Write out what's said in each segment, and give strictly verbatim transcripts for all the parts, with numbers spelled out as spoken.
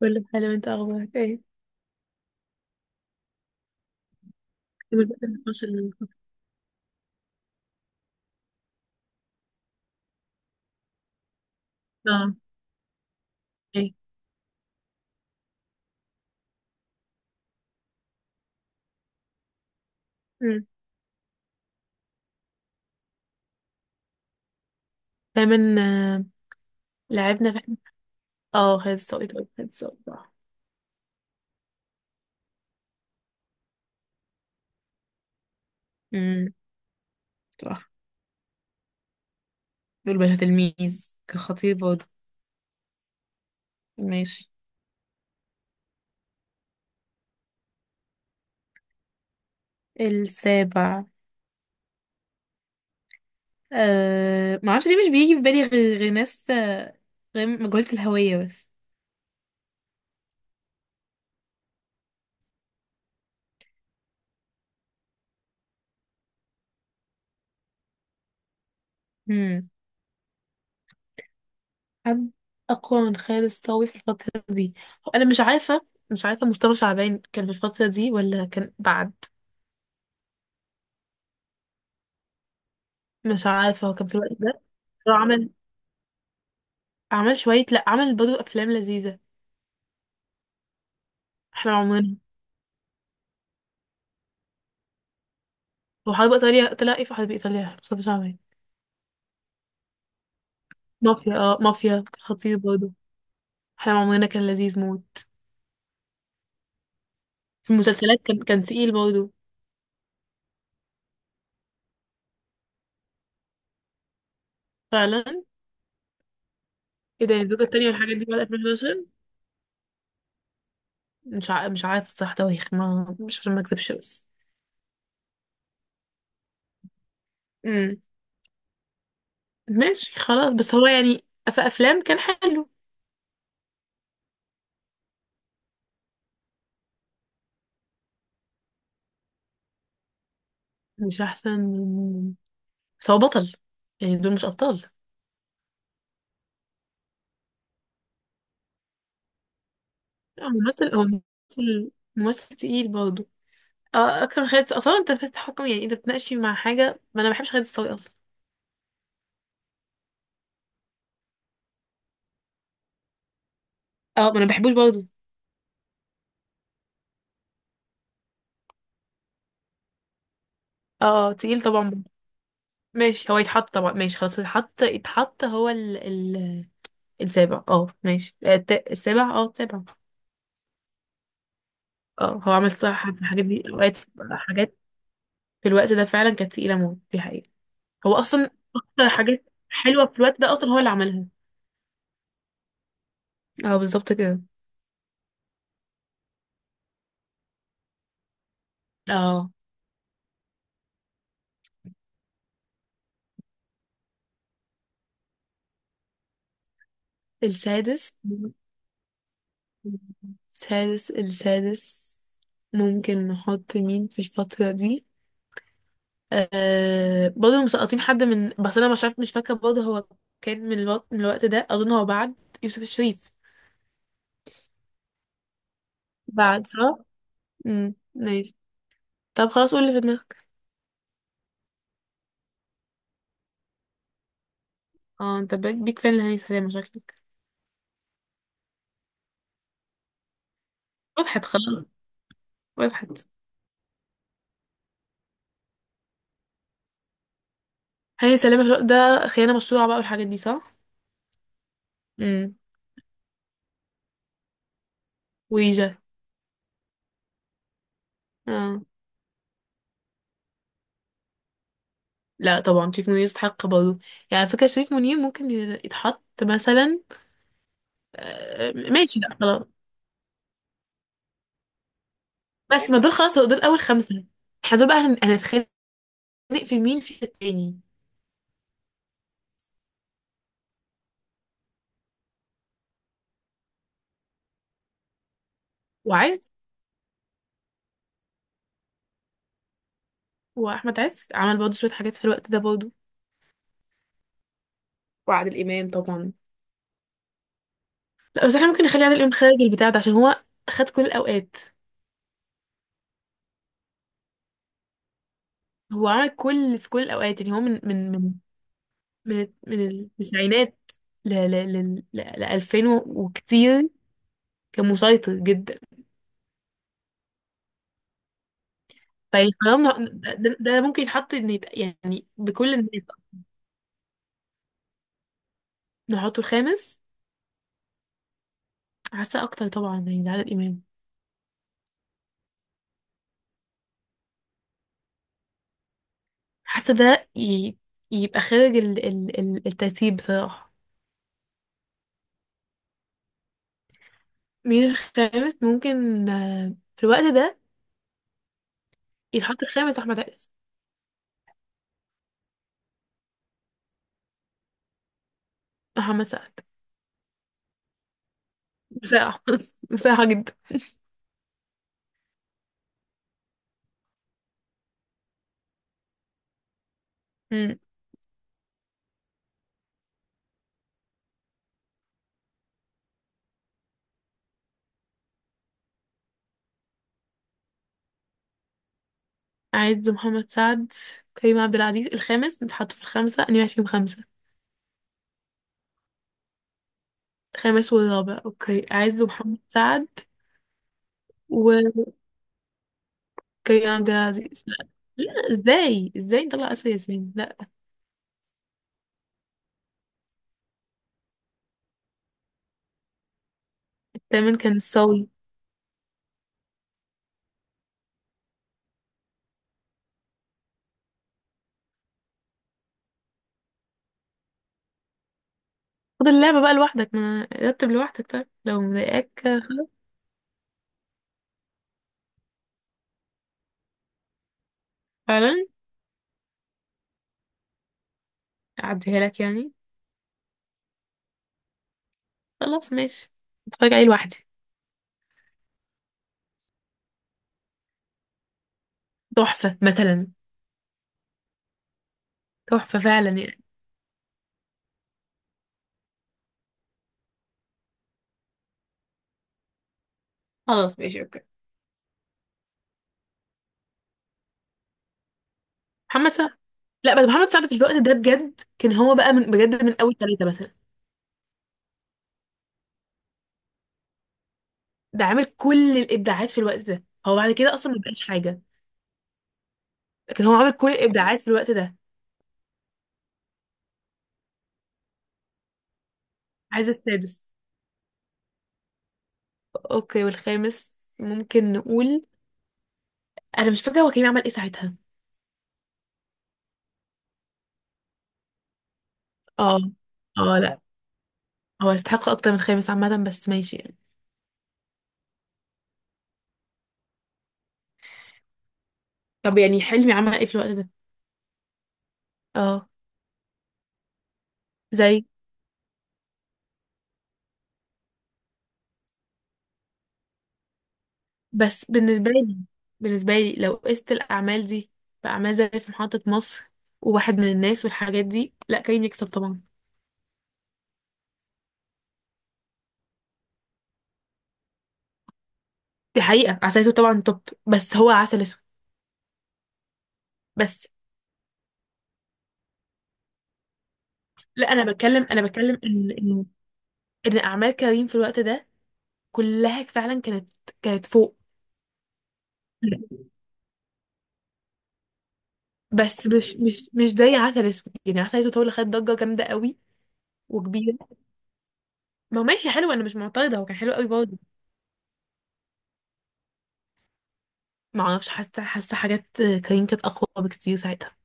كله حلو، انت اخبارك ايه؟ من بعد النقاش اللي كنت- اه، ايه. مم. دايما آه، لعبنا في اه خالد الصاوي طبعا، خالد الصاوي صح. امم. صح، دول باشا تلميذ كان خطير برضه. ماشي. السابع أه... ما اعرفش ليه مش بيجي في بالي غير غير ناس آه، غير مجهولة الهوية بس. امم. حد اقوى من خالد الصاوي في الفترة دي؟ هو انا مش عارفة مش عارفة مصطفى شعبان كان في الفترة دي ولا كان بعد. مش عارفة هو كان في الوقت ده. هو عمل، عمل شوية، لأ عمل برضه أفلام لذيذة. احنا عمرنا. وحرب إيطاليا طلع ايه في حرب إيطاليا مصطفى شعبان؟ مافيا، اه مافيا كان خطير برضه. احنا عمرنا كان لذيذ موت. في المسلسلات كان كان تقيل برضه. فعلا. ايه ده؟ الزوجة التانية والحاجات دي بعد الفين وحداشر. مش ع... مش عارف الصراحة تواريخ، ما مش عشان ما اكذبش بس. امم. ماشي خلاص، بس هو يعني في أفلام كان حلو. مش أحسن من، بس هو بطل، يعني دول مش أبطال. لا، هو ممثل، هو ممثل ممثل تقيل برضه. اه آه، اكتر من خيال الس- اصلا انت بتتحكم، يعني انت بتناقشي مع حاجه ما انا ما بحبش خيال السوي اصلا. اه ما انا ما بحبوش برضه. اه تقيل طبعا. ماشي، هو يتحط طبعا، ماشي خلاص يتحط يتحط هو ال ال السابع. اه ماشي آه، الت- السابع، اه السابع. اه هو عمل صح في الحاجات دي اوقات. حاجات في الوقت ده فعلا كانت تقيله موت، دي حقيقه. هو اصلا اكتر حاجات حلوه في الوقت ده اصلا هو اللي عملها. اه بالظبط كده. اه السادس. سادس، السادس ممكن نحط مين في الفترة دي؟ آه برضه مسقطين حد، من بس انا مش عارف، مش فاكرة برضه هو كان من الوقت، من الوقت ده اظن هو بعد يوسف الشريف، بعد صح؟ امم ماشي. طب خلاص قول اللي في دماغك. اه انت بيك بيك فان لهاني سلامة شكلك. وضحت خلاص، وضحت. هاني سلامة شو- ده خيانة مشروعة بقى والحاجات دي صح؟ امم. ويجا. اه لا طبعا، شريف منير يستحق برضه. يعني على فكرة شريف منير ممكن يتحط مثلا، آه، ماشي لا خلاص. بس ما دول خلاص، هو دول اول خمسه. احنا دول بقى هن- هنتخانق في مين في التاني. وعز، واحمد عز عمل برضه شويه حاجات في الوقت ده برضه. وعادل امام طبعا. لا بس احنا ممكن نخلي عادل امام خارج البتاع ده، عشان هو خد كل الاوقات. هو عمل كل، في كل الاوقات يعني، هو من من من من من التسعينات ل ل ل ل الفين وكتير، كان مسيطر جدا. فيعني حرام نح- ده، ده ممكن يتحط ان يت- يعني بكل الناس. نحطه الخامس. حاسة أكتر طبعا، يعني ده عادل إمام. حاسة ده ي... يبقى خارج ال... ال... ال- الترتيب بصراحة. مين الخامس ممكن آه، في الوقت ده يتحط الخامس؟ أحمد عز. محمد سعد، بصراحة. بصراحة جدا. مم. عز، محمد سعد، كريم عبد العزيز الخامس، نتحط في الخمسة أنا فيهم خمسة. الخامس والرابع، أوكي عز ومحمد سعد وكريم عبد العزيز. لا. لا ازاي ازاي نطلع آسر ياسين؟ لا. الثامن كان الصاوي. خد اللعبة بقى لوحدك، ما رتب لوحدك طيب لو مضايقاك. فعلا. أعديها لك يعني. خلاص ماشي. اتفرج عليه لوحدي. تحفة مثلا. تحفة فعلا يعني. خلاص ماشي اوكي. محمد سعد. لا بس محمد سعد في الوقت ده بجد، كان هو بقى من بجد من أول ثلاثة مثلا. ده عامل كل الإبداعات في الوقت ده، هو بعد كده أصلا ما بقاش حاجة. لكن هو عامل كل الإبداعات في الوقت ده. عايز السادس. أوكي، والخامس ممكن نقول. أنا مش فاكرة هو كريم عمل إيه ساعتها. اه. اه لا، هو يستحق اكتر من خامس عامة، بس ماشي يعني. طب يعني حلمي عمل ايه في الوقت ده؟ اه. زي، بس بالنسبة لي، بالنسبة لي لو قست الأعمال دي بأعمال زي في محطة مصر وواحد من الناس والحاجات دي، لا كريم يكسب طبعا. دي حقيقة، عسل أسود طبعا توب، بس هو عسل أسود بس. لا أنا بتكلم، أنا بتكلم إن إن إن أعمال كريم في الوقت ده كلها فعلا كانت، كانت فوق. بس مش مش مش زي عسل أسود، يعني عسل أسود هو اللي خد ضجة جامدة قوي وكبيرة. ما هو ماشي حلو، انا مش معترضه، هو كان حلو قوي برضه. ما اعرفش، حاسه حاسه حاجات كريم كانت اقوى بكتير ساعتها.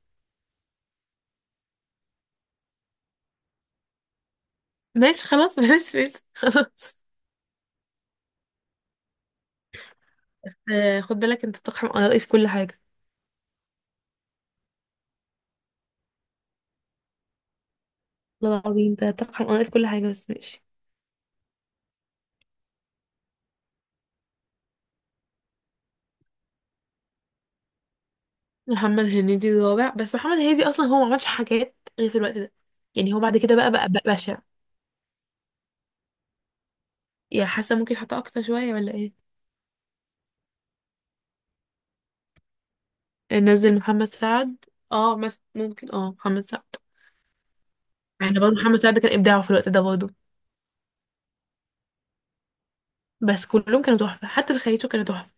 ماشي خلاص. ماشي ماشي خلاص. آه خد بالك انت بتقحم ارائي في كل حاجه. والله العظيم انت بتقحم ارائي في كل حاجه، بس ماشي. محمد هنيدي الرابع، بس محمد هنيدي اصلا هو ما عملش حاجات غير في الوقت ده، يعني هو بعد كده بقى بقى, بقى بشع. يا حاسه ممكن حتى اكتر شويه ولا ايه؟ آه، نزل محمد سعد. اه مثلا ممكن، اه محمد سعد. يعني برضه محمد سعد كان ابداعه في الوقت ده برضه. بس كلهم كانوا تحفه، حتى في خياته كانوا تحفه.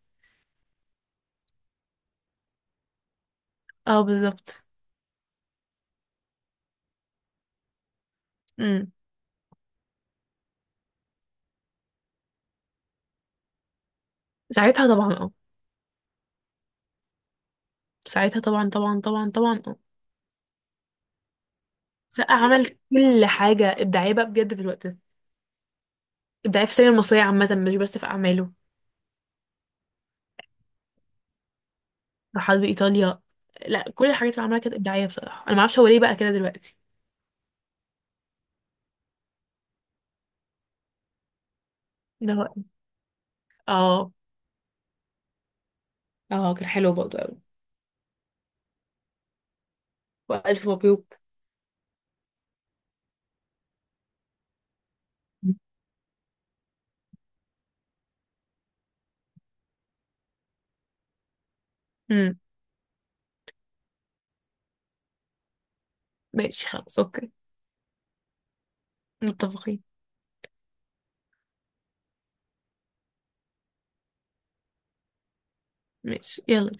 اه بالظبط. امم. ساعتها طبعا اه. ساعتها طبعا طبعا طبعا طبعا اه. سقا عمل كل حاجة إبداعية بقى بجد في الوقت ده، إبداعية في السينما المصرية عامة مش بس في أعماله. راحات بإيطاليا. لا كل الحاجات اللي عملها كانت إبداعية بصراحة، أنا معرفش هو ليه بقى كده دلوقتي. ده هو. اه. اه كان حلو برضه أوي. وألف مبروك. امم. ماشي خلاص أوكي. متفقين. ماشي يلا.